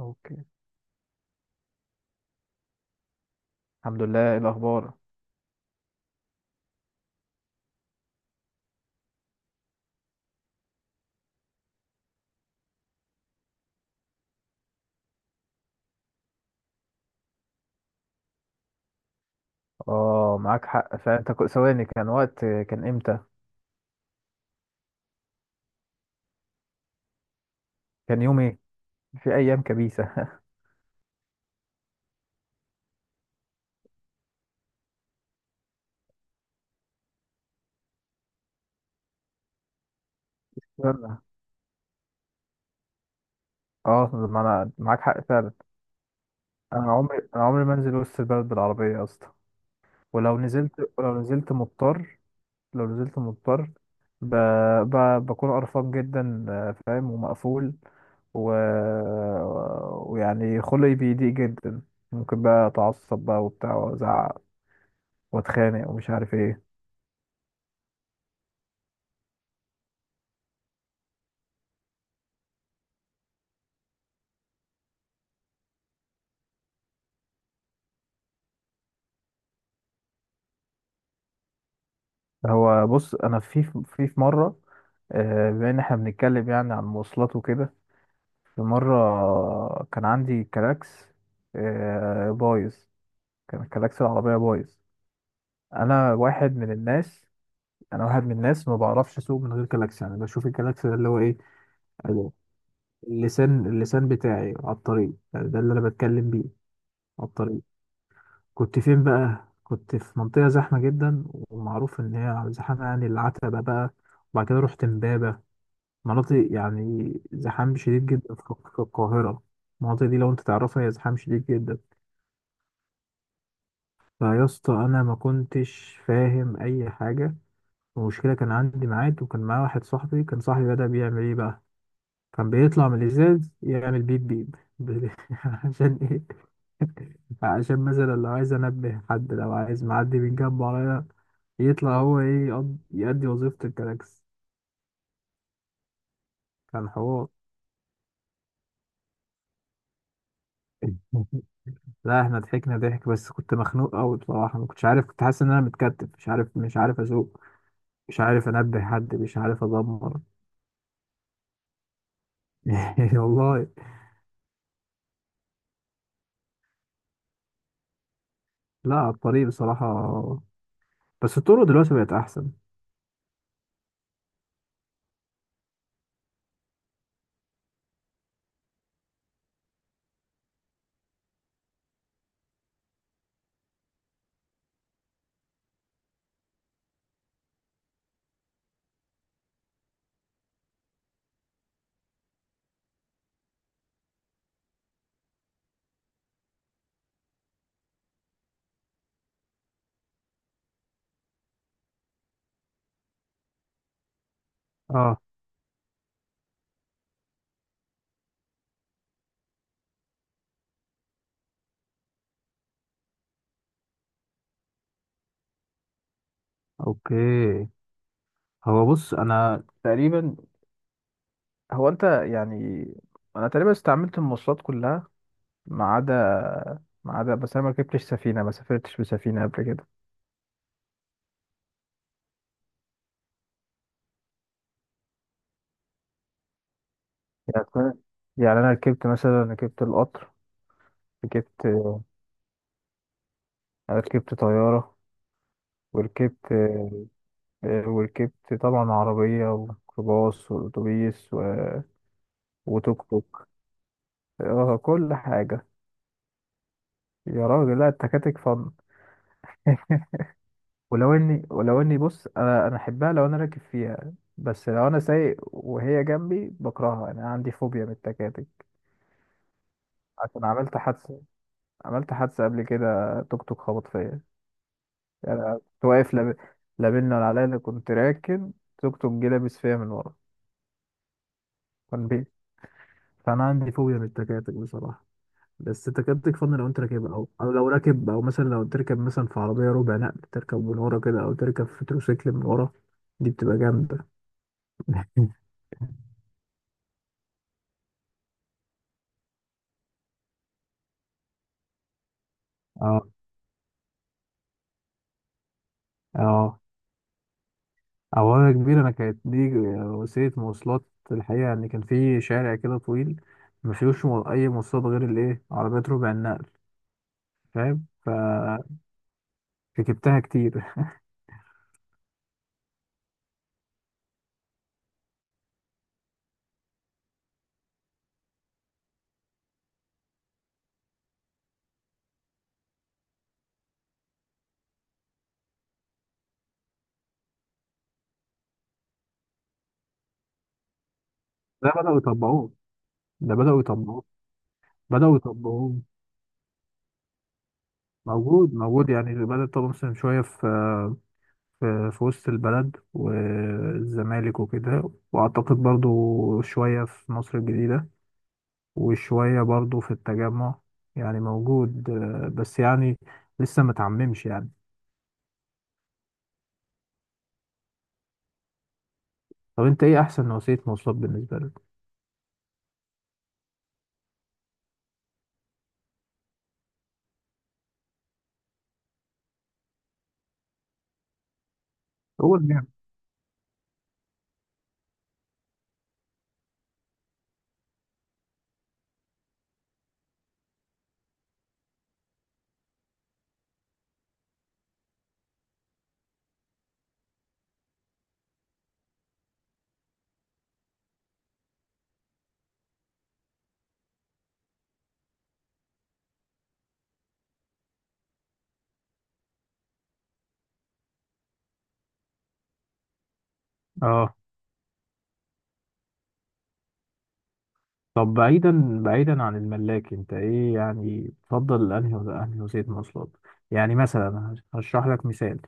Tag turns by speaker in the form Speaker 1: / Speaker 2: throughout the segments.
Speaker 1: اوكي. الحمد لله، ايه الاخبار؟ اه معاك حق. ثواني، كان وقت كان امتى؟ كان يوم ايه؟ في ايام كبيسه. يلا. اه ما انا معاك حق فعلا. انا عمري ما انزل وسط البلد بالعربيه يا اسطى. ولو نزلت مضطر، لو نزلت مضطر، ب... ب... بكون قرفان جدا، فاهم ومقفول، و... ويعني خلقي بيضيق جدا. ممكن بقى اتعصب بقى وبتاع وازعق واتخانق ومش عارف ايه. هو بص، انا في مره، بما ان احنا بنتكلم يعني عن المواصلات وكده، في مره كان عندي كلاكس بايظ. كان كلاكس العربيه بايظ. انا واحد من الناس، انا واحد من الناس ما بعرفش اسوق من غير كلاكس. يعني بشوف الكلاكس ده اللي هو ايه؟ اللسان بتاعي على الطريق. يعني ده اللي انا بتكلم بيه، على الطريق. كنت فين بقى؟ كنت في منطقه زحمه جدا، ومعروف ان هي زحمه، يعني العتبه بقى. وبعد كده رحت امبابه. مناطق يعني زحام شديد جدا في القاهرة. المناطق دي لو انت تعرفها هي زحام شديد جدا. فيا اسطى انا ما كنتش فاهم اي حاجة. المشكلة كان عندي ميعاد وكان معايا واحد صاحبي. صاحبي بدأ بيعمل ايه بقى؟ كان بيطلع من الازاز يعمل بيب بيب عشان ايه؟ عشان مثلا لو عايز انبه حد، لو عايز معدي من جنبه عليا، يطلع هو ايه، يأدي وظيفة الكلاكس. كان حوار. لا احنا ضحكنا ضحك، بس كنت مخنوق قوي بصراحة. ما كنتش عارف، كنت حاسس ان انا متكتف، مش عارف اسوق، مش عارف انبه حد، مش عارف ادمر. والله. لا على الطريق بصراحة. بس الطرق دلوقتي بقت احسن. اه، اوكي. هو بص، انا تقريبا هو انت يعني انا تقريبا استعملت المواصلات كلها، ما عدا، بس انا ما ركبتش سفينه، ما سافرتش بسفينه قبل كده. يعني أنا- يعني انا ركبت، مثلا ركبت القطر، ركبت ركبت طياره، وركبت وركبت طبعا عربية وميكروباص وأتوبيس وتوك توك، كل حاجة. يا راجل لا، التكاتك فن. ولو اني بص، انا احبها لو انا راكب فيها، بس لو انا سايق وهي جنبي بكرهها. انا عندي فوبيا من التكاتك، عشان عملت حادثة. عملت حادثة قبل كده. توك توك خبط فيا يعني. أنا كنت واقف لاب... لا بينا ولا عليا، أنا كنت راكن. توك توك جه لابس فيا من ورا، كان بيه. فانا عندي فوبيا من التكاتك بصراحة. بس انت كده بتكفن لو انت راكب، او او لو راكب، او مثلا لو تركب مثلا في عربيه ربع نقل، تركب من ورا كده، او تركب في تروسيكل من ورا. دي بتبقى جامده. اه اه. او انا كبير، انا كانت دي وسيله مواصلات. الحقيقه يعني كان في شارع كده طويل ما فيهوش اي مواصلات غير الايه، عربيات ربع النقل. فاهم؟ فركبتها كتير. ده بداوا يطبقوه، ده بداوا يطبقوه. بداوا يطبقوه. موجود موجود، يعني بدأ يطبق مثلا شويه في وسط البلد والزمالك وكده، وأعتقد برضو شوية في مصر الجديدة، وشوية برضو في التجمع. يعني موجود، بس يعني لسه متعممش يعني. طب انت ايه احسن نوعية مواصلات بالنسبة لك؟ هو الجامع. اه. طب بعيدا، عن الملاك، انت ايه يعني، تفضل انهي ولا انهي وسيله مواصلات؟ يعني مثلا هشرح لك مثال.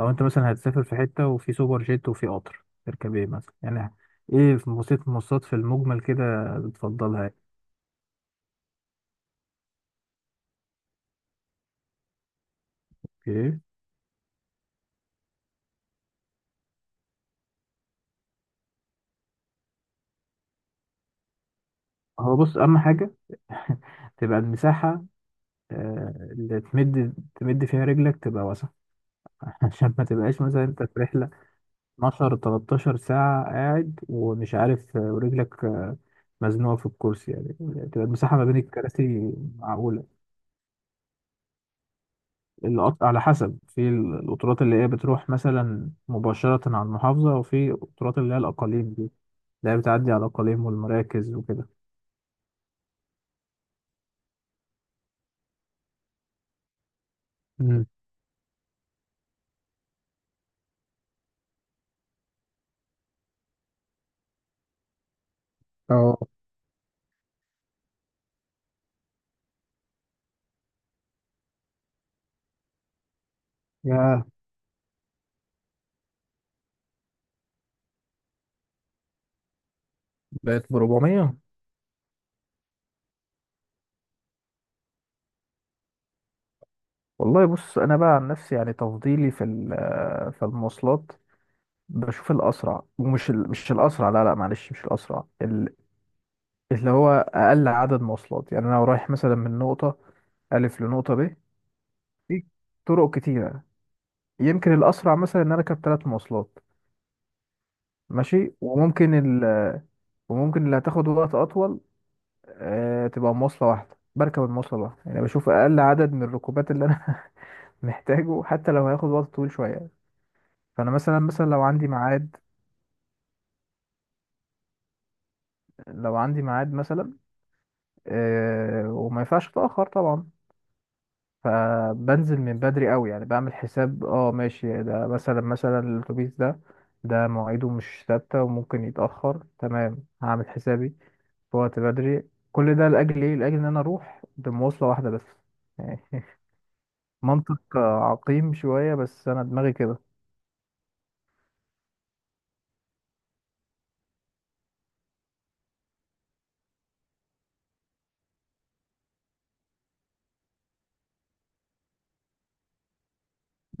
Speaker 1: لو انت مثلا هتسافر في حته، وفي سوبر جيت، وفي قطر، تركب ايه مثلا يعني؟ ايه في وسيله المواصلات في المجمل كده بتفضلها؟ ايه. هو بص، اهم حاجه تبقى المساحه، اللي تمد، فيها رجلك، تبقى واسعه. عشان ما تبقاش مثلا انت في رحله 12 13 ساعه قاعد ومش عارف، ورجلك مزنوقه في الكرسي. يعني تبقى المساحه ما بين الكراسي معقوله. على حسب، في القطارات اللي هي بتروح مثلا مباشره على المحافظه، وفي قطارات اللي هي الاقاليم دي، اللي هي بتعدي على الاقاليم والمراكز وكده. امم اه. يا، بقت ب 400؟ والله بص انا بقى عن نفسي، يعني تفضيلي في المواصلات، بشوف الاسرع. ومش ال... مش الاسرع لا لا، معلش، مش الاسرع، اللي هو اقل عدد مواصلات. يعني انا لو رايح مثلا من نقطه الف لنقطه ب، في طرق كتيرة. يمكن الأسرع مثلا إن أنا أركب ثلاث مواصلات ماشي، وممكن اللي هتاخد وقت أطول آه تبقى مواصلة واحدة. بركب المواصلة الواحدة، يعني بشوف أقل عدد من الركوبات اللي أنا محتاجه، حتى لو هياخد وقت طويل شوية. فأنا مثلا، لو عندي ميعاد، لو عندي ميعاد مثلا، آه وما ينفعش أتأخر طبعا، فبنزل من بدري قوي. يعني بعمل حساب اه ماشي ده، مثلا، الأتوبيس ده، ده مواعيده مش ثابتة وممكن يتأخر، تمام، هعمل حسابي في وقت بدري. كل ده لأجل إيه؟ لأجل إن أنا أروح بمواصلة واحدة بس يعني. منطق، عقيم شوية، بس أنا دماغي كده.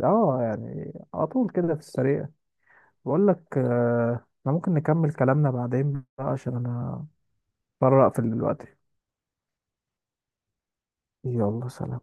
Speaker 1: اه. يعني على طول كده في السريع، بقول لك احنا ممكن نكمل كلامنا بعدين بقى، عشان أنا برق في دلوقتي. يلا سلام.